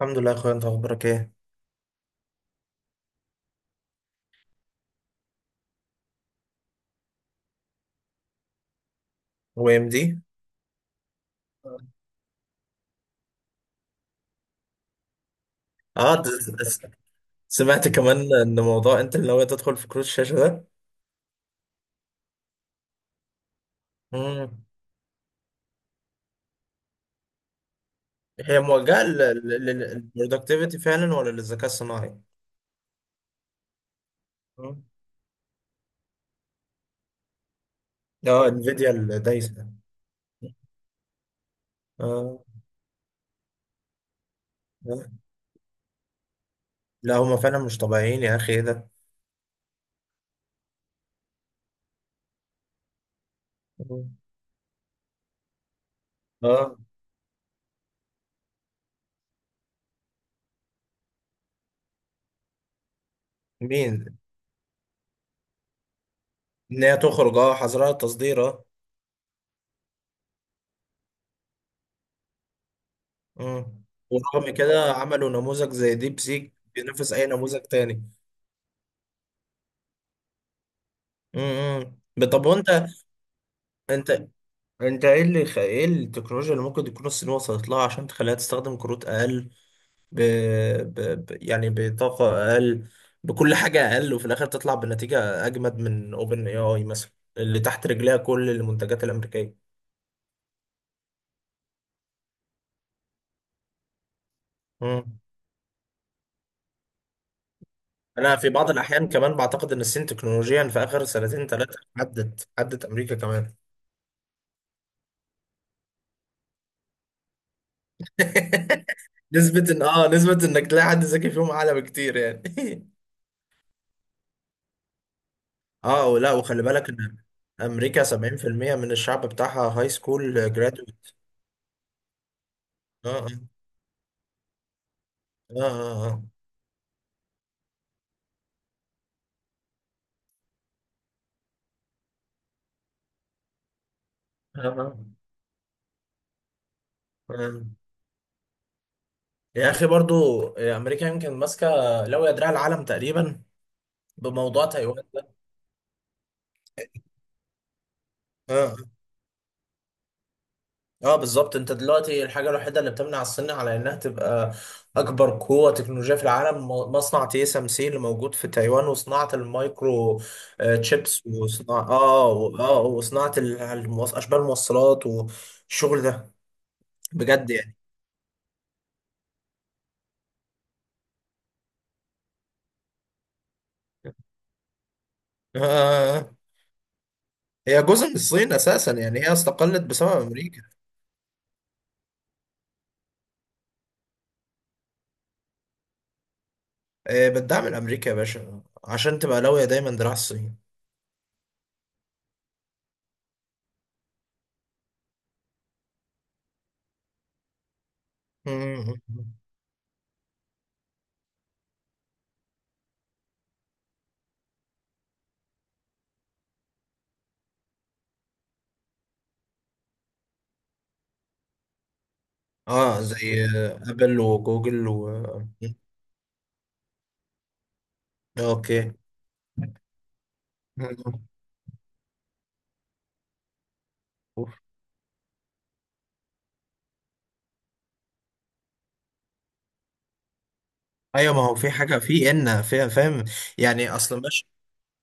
الحمد لله يا اخويا، انت اخبارك ايه؟ هو ام دي. اه د- س- سمعت كمان ان موضوع انت اللي ناوي تدخل في كروت الشاشه ده. مم. هي موجهه للبرودكتيفيتي فعلا ولا للذكاء الصناعي؟ مم. اه انفيديا الدايسه. اه. آه. لا هما فعلا مش طبيعيين يا اخي، ايه ده؟ مم. اه مين؟ ان هي تخرج، اه حظرها التصدير، اه. مم. ورغم كده عملوا نموذج زي ديب سيك بينافس اي نموذج تاني. مم. طب وانت انت انت ايه اللي ايه التكنولوجيا اللي ممكن تكون الصين وصلت لها عشان تخليها تستخدم كروت اقل، ب... ب... يعني بطاقة اقل، بكل حاجة اقل، وفي الاخر تطلع بنتيجة اجمد من اوبن اي اي مثلا، اللي تحت رجليها كل المنتجات الامريكية. مم. انا في بعض الاحيان كمان بعتقد ان الصين تكنولوجيا في اخر سنتين ثلاثة عدت امريكا كمان. نسبة ان نسبة انك تلاقي حد ذكي فيهم اعلى بكتير يعني. اه ولا، وخلي بالك ان امريكا 70% من الشعب بتاعها هاي سكول جرادويت. اه اه اه اه. آه. آه. آه. يا اخي برضو امريكا يمكن ماسكه لو يدرع العالم تقريبا بموضوع تايوان ده. اه اه. آه، بالظبط. انت دلوقتي الحاجه الوحيده اللي بتمنع الصين على انها تبقى اكبر قوه تكنولوجيه في العالم مصنع تي اس ام سي اللي موجود في تايوان، وصناعه المايكرو آه، تشيبس، وصناعه وصناعه اشباه الموصلات والشغل ده بجد يعني. آه. هي جزء من الصين اساسا، يعني هي استقلت بسبب امريكا. آه، بتدعم الامريكا يا باشا عشان تبقى لاوية دايما دراع الصين. مم. اه زي آه، ابل وجوجل و آه، اوكي. مم. ايوه ما هو في حاجه في ان فيها فاهم، يعني اصلا.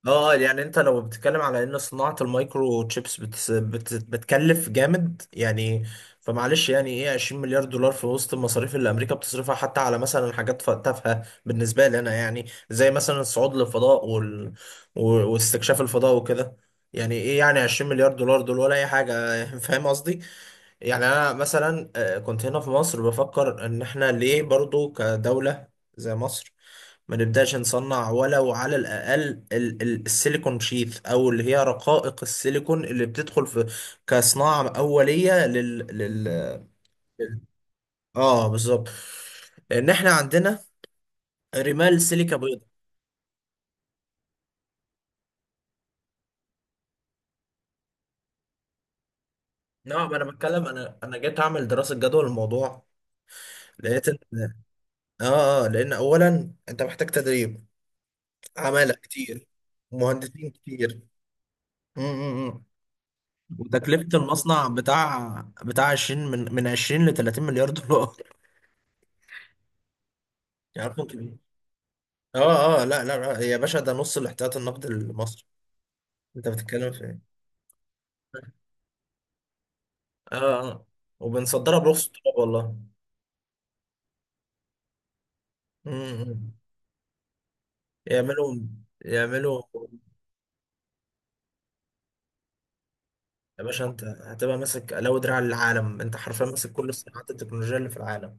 اه، يعني انت لو بتتكلم على ان صناعة المايكرو تشيبس بتكلف جامد يعني، فمعلش، يعني ايه 20 مليار دولار في وسط المصاريف اللي امريكا بتصرفها حتى على مثلا حاجات تافهة بالنسبة لي انا، يعني زي مثلا الصعود للفضاء واستكشاف الفضاء وكده، يعني ايه يعني 20 مليار دولار دول ولا اي حاجة. فاهم قصدي؟ يعني انا مثلا آه، كنت هنا في مصر بفكر ان احنا ليه برضو كدولة زي مصر ما نبداش نصنع ولو على الاقل السيليكون شيث، او اللي هي رقائق السيليكون اللي بتدخل في كصناعه اوليه لل... اه بالظبط، ان احنا عندنا رمال سيليكا بيضاء. نعم انا بتكلم، انا جيت اعمل دراسه جدوى للموضوع، لقيت ان اه اه، لان اولا انت محتاج تدريب، عماله كتير، مهندسين كتير. م- م- م. وتكلفة المصنع بتاع 20، من 20 ل 30 مليار دولار. عارف انت مين؟ اه اه، لا لا لا، هي يا باشا ده نص الاحتياط النقد المصري. انت بتتكلم في ايه؟ اه اه. وبنصدرها برخص التراب والله. امم. يعملوا. يعملوا يا باشا، انت هتبقى ماسك لو دراع العالم، انت حرفيا ماسك كل صناعات التكنولوجيا اللي في العالم.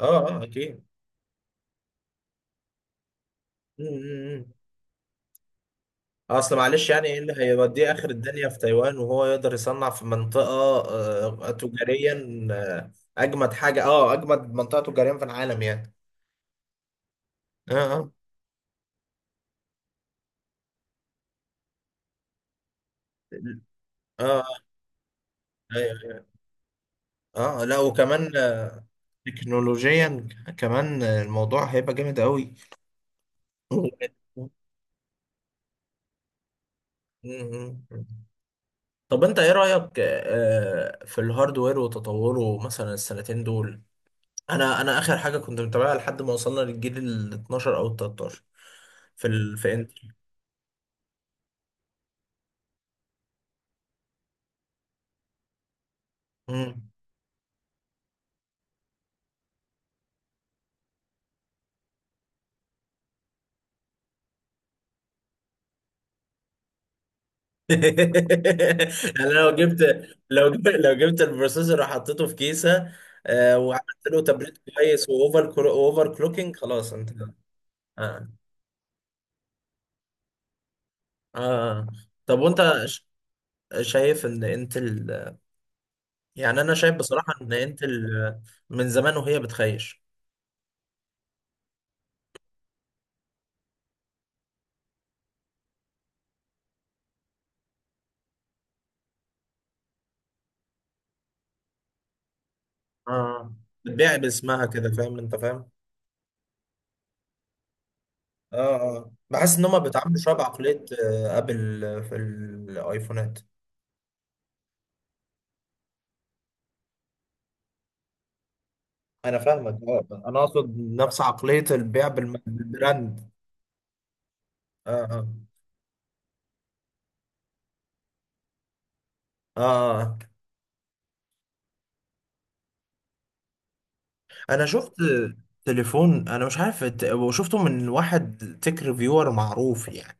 اه اه اكيد. امم. اصل معلش يعني ايه اللي هيوديه اخر الدنيا في تايوان وهو يقدر يصنع في منطقة. آه تجاريا، آه، اجمد حاجة، اه اجمد منطقة تجاريا في العالم يعني. اه اه اه. ايوه ايوه. اه، لا وكمان آه، تكنولوجيا كمان آه، الموضوع هيبقى جامد قوي. طب انت ايه رأيك آه، في الهاردوير وتطوره مثلا السنتين دول؟ انا اخر حاجة كنت متابعها لحد ما وصلنا للجيل ال 12 او ال 13 في انتل. مم. يعني أنا لو جبت، لو جبت البروسيسور وحطيته في كيسة، آه، وعملت له تبريد كويس اوفر كلوكينج، خلاص انت. آه. آه. طب وانت ش- شايف ان انت ال...، يعني انا شايف بصراحة ان انت ال...، من زمان وهي بتخيش. اه، بتبيع باسمها كده، فاهم انت، فاهم. اه اه، بحس ان هما بيتعاملوا شوية بعقلية آه، ابل آه، في الايفونات. انا فاهمك، اه انا اقصد نفس عقلية البيع بالبراند. اه اه اه. آه. انا شفت تليفون، انا مش عارف وشفته من واحد تك ريفيور معروف يعني،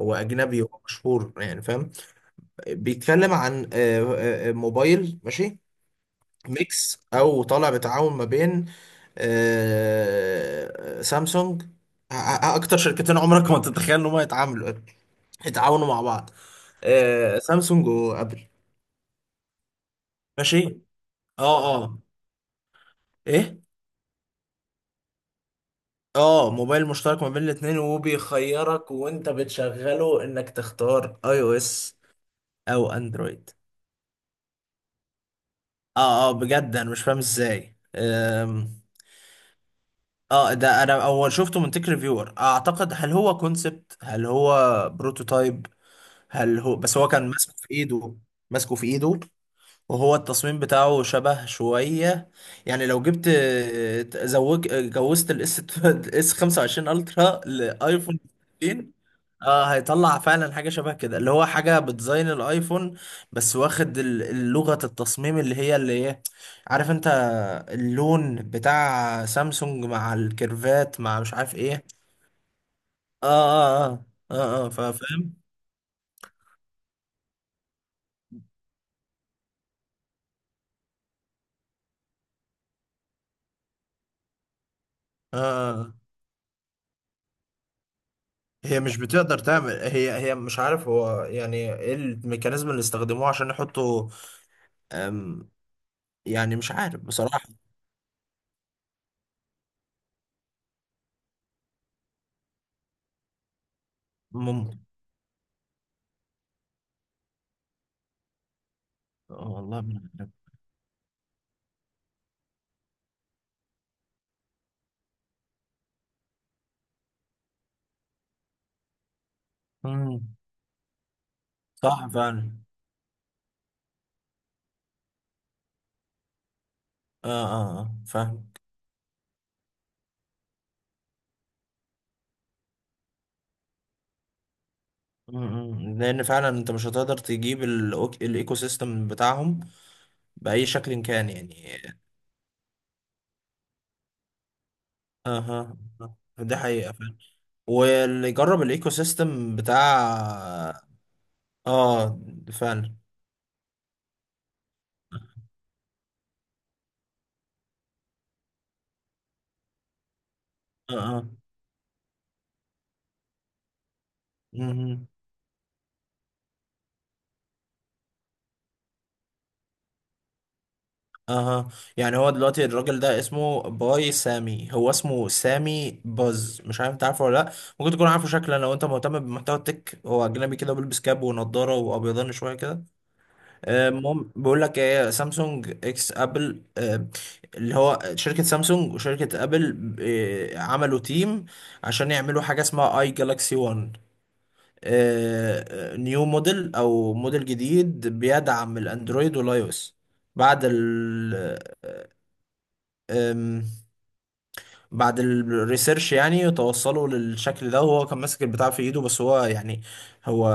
هو اجنبي ومشهور يعني فاهم. بيتكلم عن آه، آه، آه، موبايل ماشي ميكس او طالع بتعاون ما بين آه، سامسونج، آه، آه، اكتر شركتين عمرك ما تتخيل ان هم يتعاملوا، يتعاونوا مع بعض، آه، سامسونج وابل. ماشي، اه اه. ايه. اه، موبايل مشترك ما بين الاثنين، وبيخيرك وانت بتشغله انك تختار اي او اس او اندرويد. اه اه بجد انا مش فاهم ازاي. اه، ده انا اول شفته من تيك ريفيور، اعتقد هل هو كونسبت، هل هو بروتوتايب، هل هو، بس هو كان ماسكه في ايده، ماسكه في ايده، وهو التصميم بتاعه شبه شوية، يعني لو جبت زوج جوزت الاس، الاس 25 الترا لايفون 15. اه، هيطلع فعلا حاجة شبه كده، اللي هو حاجة بديزاين الايفون بس واخد لغة التصميم اللي هي عارف انت، اللون بتاع سامسونج مع الكيرفات مع مش عارف ايه. اه اه اه اه اه فاهم. اه. آه. هي مش بتقدر تعمل هي مش عارف هو يعني ايه الميكانيزم اللي استخدموه عشان يحطوا، أم، يعني مش عارف بصراحة. ممكن. آه، والله ما عارف. مم. صح فعلا. اه اه آه، فاهم. مم، مم. لان فعلا انت مش هتقدر تجيب الايكو سيستم بتاعهم بأي شكل كان يعني. اها. آه. آه، دي حقيقة فعلا. واللي يجرب الايكو سيستم بتاع. اه فعلا. اه اه. اها، يعني هو دلوقتي الراجل ده اسمه باي سامي، هو اسمه سامي باز، مش عارف انت عارفه ولا لا، ممكن تكون عارفه شكلا لو انت مهتم بمحتوى التك، هو اجنبي كده بيلبس كاب ونضاره وابيضان شويه كده. آه، المهم، بيقول لك ايه سامسونج اكس ابل آه، اللي هو شركه سامسونج وشركه ابل آه، عملوا تيم عشان يعملوا حاجه اسمها اي جالاكسي 1، نيو موديل او موديل جديد بيدعم الاندرويد والاي او اس. بعد أم، بعد الريسيرش يعني توصلوا للشكل ده، وهو كان ماسك البتاع في ايده بس هو يعني هو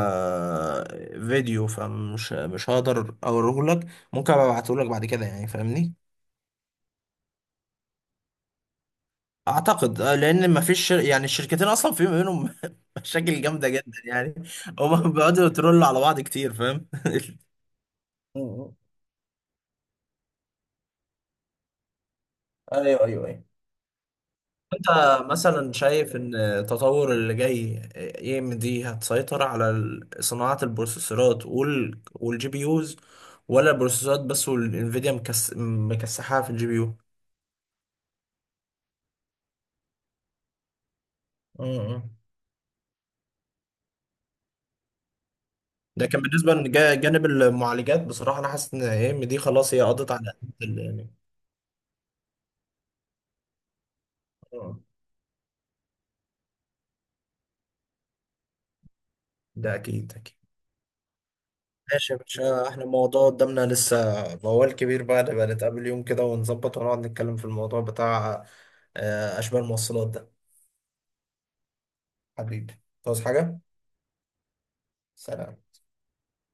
فيديو فمش مش هقدر اوريه لك، ممكن ابقى ابعته لك بعد كده يعني فاهمني. اعتقد آه، لان ما فيش يعني الشركتين اصلا في ما بينهم مشاكل جامده جدا يعني. هما بيقعدوا يترولوا على بعض كتير فاهم. م- م. ايوه ايوه ايوه. انت مثلا شايف ان التطور اللي جاي اي ام دي هتسيطر على صناعة البروسيسورات وال والجي بي يوز، ولا البروسيسورات بس، والانفيديا مكسحها في الجي بي يو؟ اه اه. ده كان بالنسبة لجانب المعالجات، بصراحة انا حاسس ان اي ام دي خلاص هي قضت على يعني. آه. ده اكيد اكيد. ماشي يا باشا، احنا الموضوع قدامنا لسه موال كبير بقى، نبقى نتقابل يوم كده ونظبط ونقعد نتكلم في الموضوع بتاع آه، اشباه الموصلات ده. حبيبي، تعوز حاجة؟ سلام.